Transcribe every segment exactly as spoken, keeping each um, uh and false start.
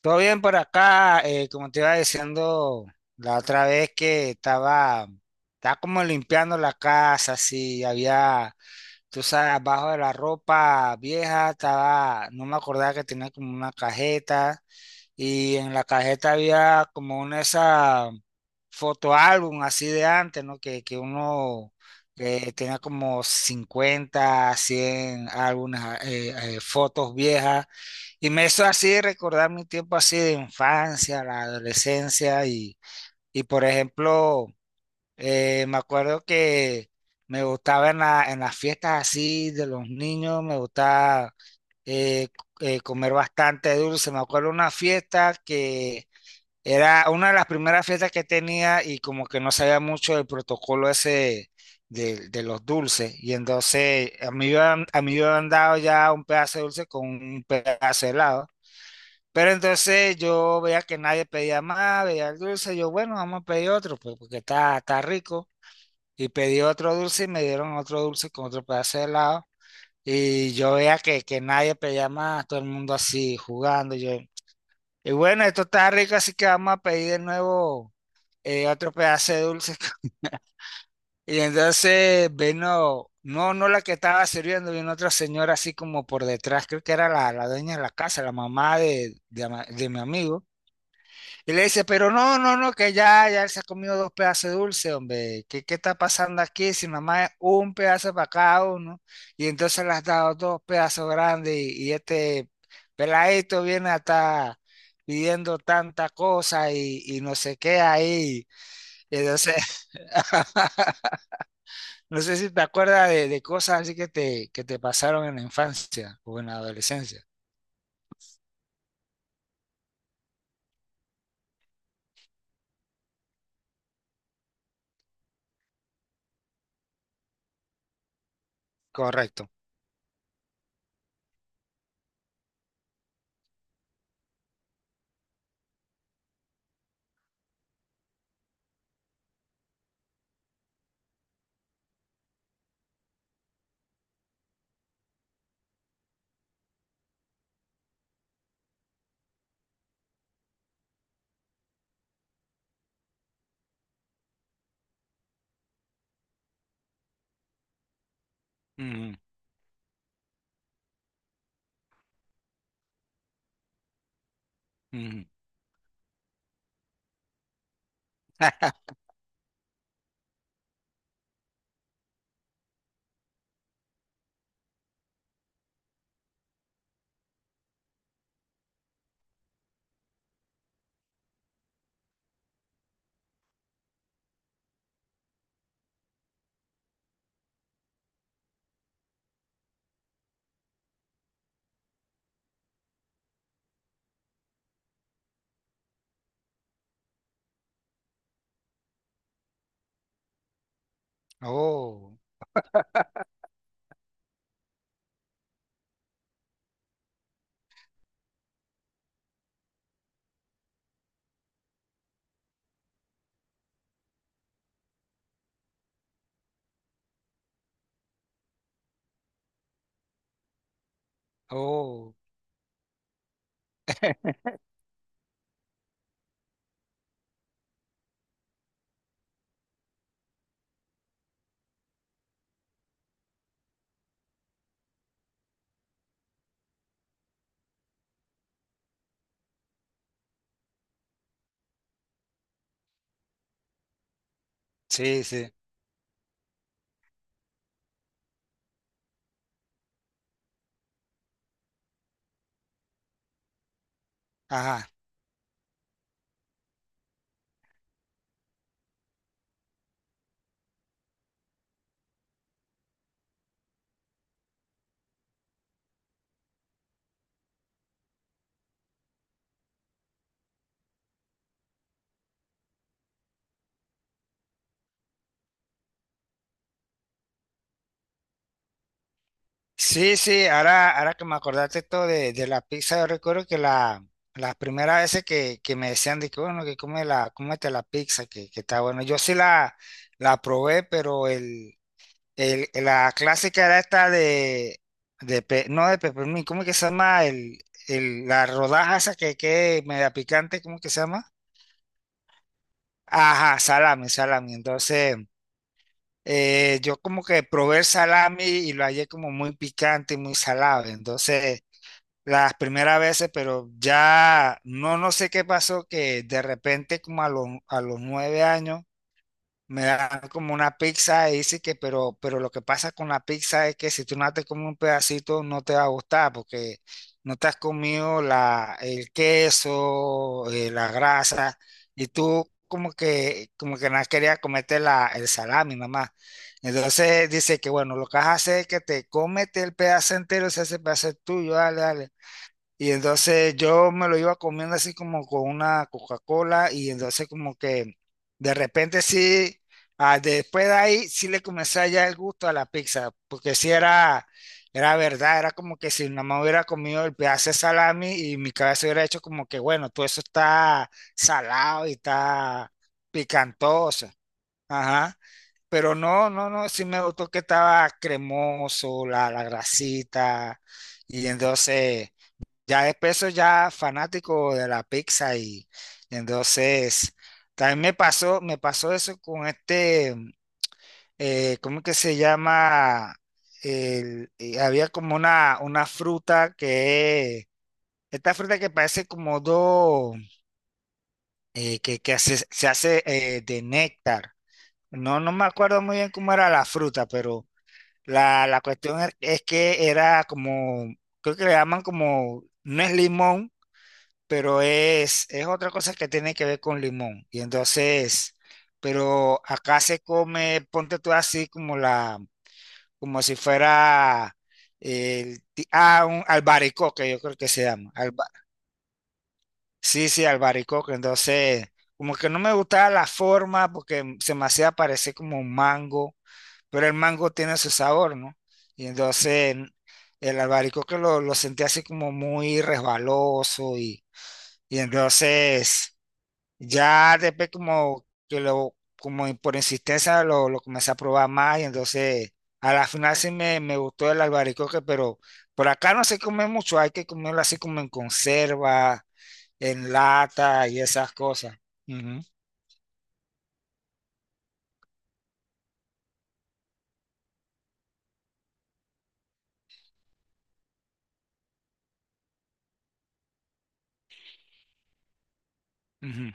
Todo bien por acá, eh, como te iba diciendo la otra vez que estaba, estaba como limpiando la casa, así había, tú sabes, abajo de la ropa vieja estaba, no me acordaba que tenía como una cajeta y en la cajeta había como una esa fotoálbum así de antes, ¿no? Que, que uno eh, tenía como cincuenta cien álbumes, ah, eh, eh, fotos viejas. Y me hizo así recordar mi tiempo así de infancia, la adolescencia. Y, y por ejemplo, eh, me acuerdo que me gustaba en la- en las fiestas así de los niños, me gustaba eh, eh, comer bastante dulce. Me acuerdo una fiesta que era una de las primeras fiestas que tenía y como que no sabía mucho del protocolo ese de, de los dulces. Y entonces a mí, me habían- a mí me habían dado ya un pedazo de dulce con un pedazo de helado. Pero entonces yo veía que nadie pedía más, veía el dulce. Yo, bueno, vamos a pedir otro, pues porque está, está rico. Y pedí otro dulce y me dieron otro dulce con otro pedazo de helado. Y yo veía que, que nadie pedía más, todo el mundo así jugando. Yo, y bueno, esto está rico, así que vamos a pedir de nuevo eh, otro pedazo de dulce. Y entonces vino, no, no la que estaba sirviendo, vino otra señora así como por detrás, creo que era la, la dueña de la casa, la mamá de, de ama- de mi amigo. Y le dice, pero no, no, no, que ya, ya él se ha comido dos pedazos de dulce, hombre. ¿Qué, qué está pasando aquí? Si mamá es un pedazo para cada uno, y entonces le has dado dos pedazos grandes, y, y este peladito viene a estar pidiendo tanta cosa y, y no sé qué ahí. Eh, no sé no sé si te acuerdas de, de cosas así que te, que te pasaron en la infancia o en la adolescencia. Correcto. Ujú, ujú. Oh, oh, sí, sí. Ajá. Sí, sí, ahora, ahora que me acordaste esto de, de la pizza, yo recuerdo que la, las primeras veces que, que me decían de que bueno, que come la, cómete la pizza, que, que está bueno. Yo sí la, la probé, pero el, El- la clásica era esta de, de pe- no de peppermint, ¿cómo que se llama? El, el- la rodaja esa que que media picante, ¿cómo que se llama? Ajá, salami, salami. Entonces, eh, yo como que probé el salami y lo hallé como muy picante y muy salado. Entonces, las primeras veces, pero ya no, no sé qué pasó, que de repente como a los, a los nueve años, me dan como una pizza y dice que, pero, pero lo que pasa con la pizza es que si tú no te comes un pedacito no te va a gustar porque no te has comido la, el queso, eh, la grasa y tú como que, como que no querías comerte la, el salami mamá. Entonces dice que bueno, lo que vas a hacer es que te comete el pedazo entero, si ese pedazo es tuyo, dale, dale. Y entonces yo me lo iba comiendo así como con una Coca-Cola y entonces como que de repente sí, ah, después de ahí sí le comencé a hallar el gusto a la pizza, porque sí era, era verdad, era como que si nada más hubiera comido el pedazo de salami y mi cabeza hubiera hecho como que bueno, todo eso está salado y está picantoso, ajá, pero no, no, no, sí me gustó que estaba cremoso, la, la grasita y entonces... Ya después soy ya fanático de la pizza y entonces también me pasó, me pasó eso con este, mm, eh, ¿cómo que se llama? El- eh, había como una, una fruta que, esta fruta que parece como dos, eh, que, que hace- se hace eh, de néctar. No, no me acuerdo muy bien cómo era la fruta, pero la, la cuestión es es que era como, creo que le llaman como, no es limón pero es, es otra cosa que tiene que ver con limón. Y entonces, pero acá se come, ponte tú así como la, como si fuera el, ti- ah, un albaricoque, yo creo que se llama. alba- sí, sí, albaricoque. Entonces, como que no me gustaba la forma porque se me hacía parecer como un mango, pero el mango tiene su sabor, ¿no? Y entonces el albaricoque lo, lo sentí así como muy resbaloso y, y entonces... Ya después como que lo, como por insistencia lo, lo comencé a probar más y entonces a la final sí me, me gustó el albaricoque, pero por acá no se come mucho, hay que comerlo así como en conserva, en lata y esas cosas. Ujú, ujú.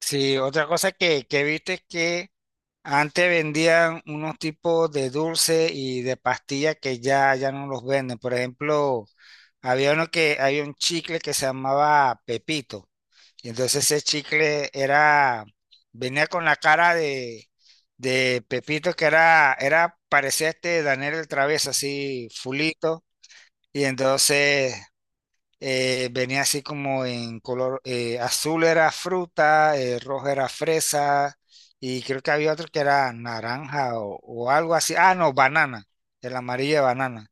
Sí, otra cosa que, que viste es que antes vendían unos tipos de dulce y de pastillas que ya, ya no los venden. Por ejemplo, había uno que, había un chicle que se llamaba Pepito. Y entonces ese chicle era, venía con la cara de, de Pepito, que era, era, parecía este Daniel el Travieso, así fulito. Y entonces eh, venía así como en color, eh, azul era fruta, eh, rojo era fresa, y creo que había otro que era naranja o, o algo así. Ah, no, banana, el amarillo de banana.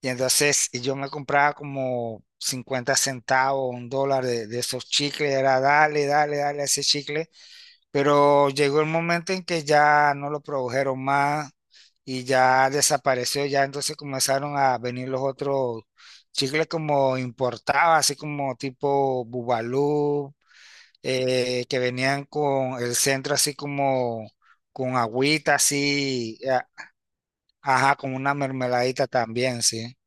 Y entonces y yo me compraba como cincuenta centavos, un dólar de, de esos chicles, era dale, dale, dale a ese chicle, pero llegó el momento en que ya no lo produjeron más y ya desapareció, ya entonces comenzaron a venir los otros chicles como importados, así como tipo Bubalú, eh, que venían con el centro así como con agüita, así, a- ajá, con una mermeladita también, sí.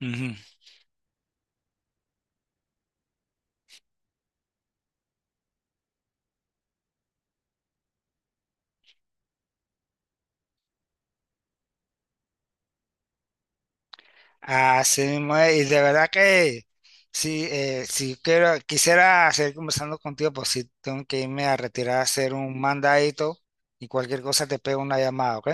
Ujú. Así mismo es, y de verdad que sí, eh, si quiero, quisiera seguir conversando contigo, pues sí tengo que irme a retirar a hacer un mandadito y cualquier cosa te pego una llamada, ¿ok?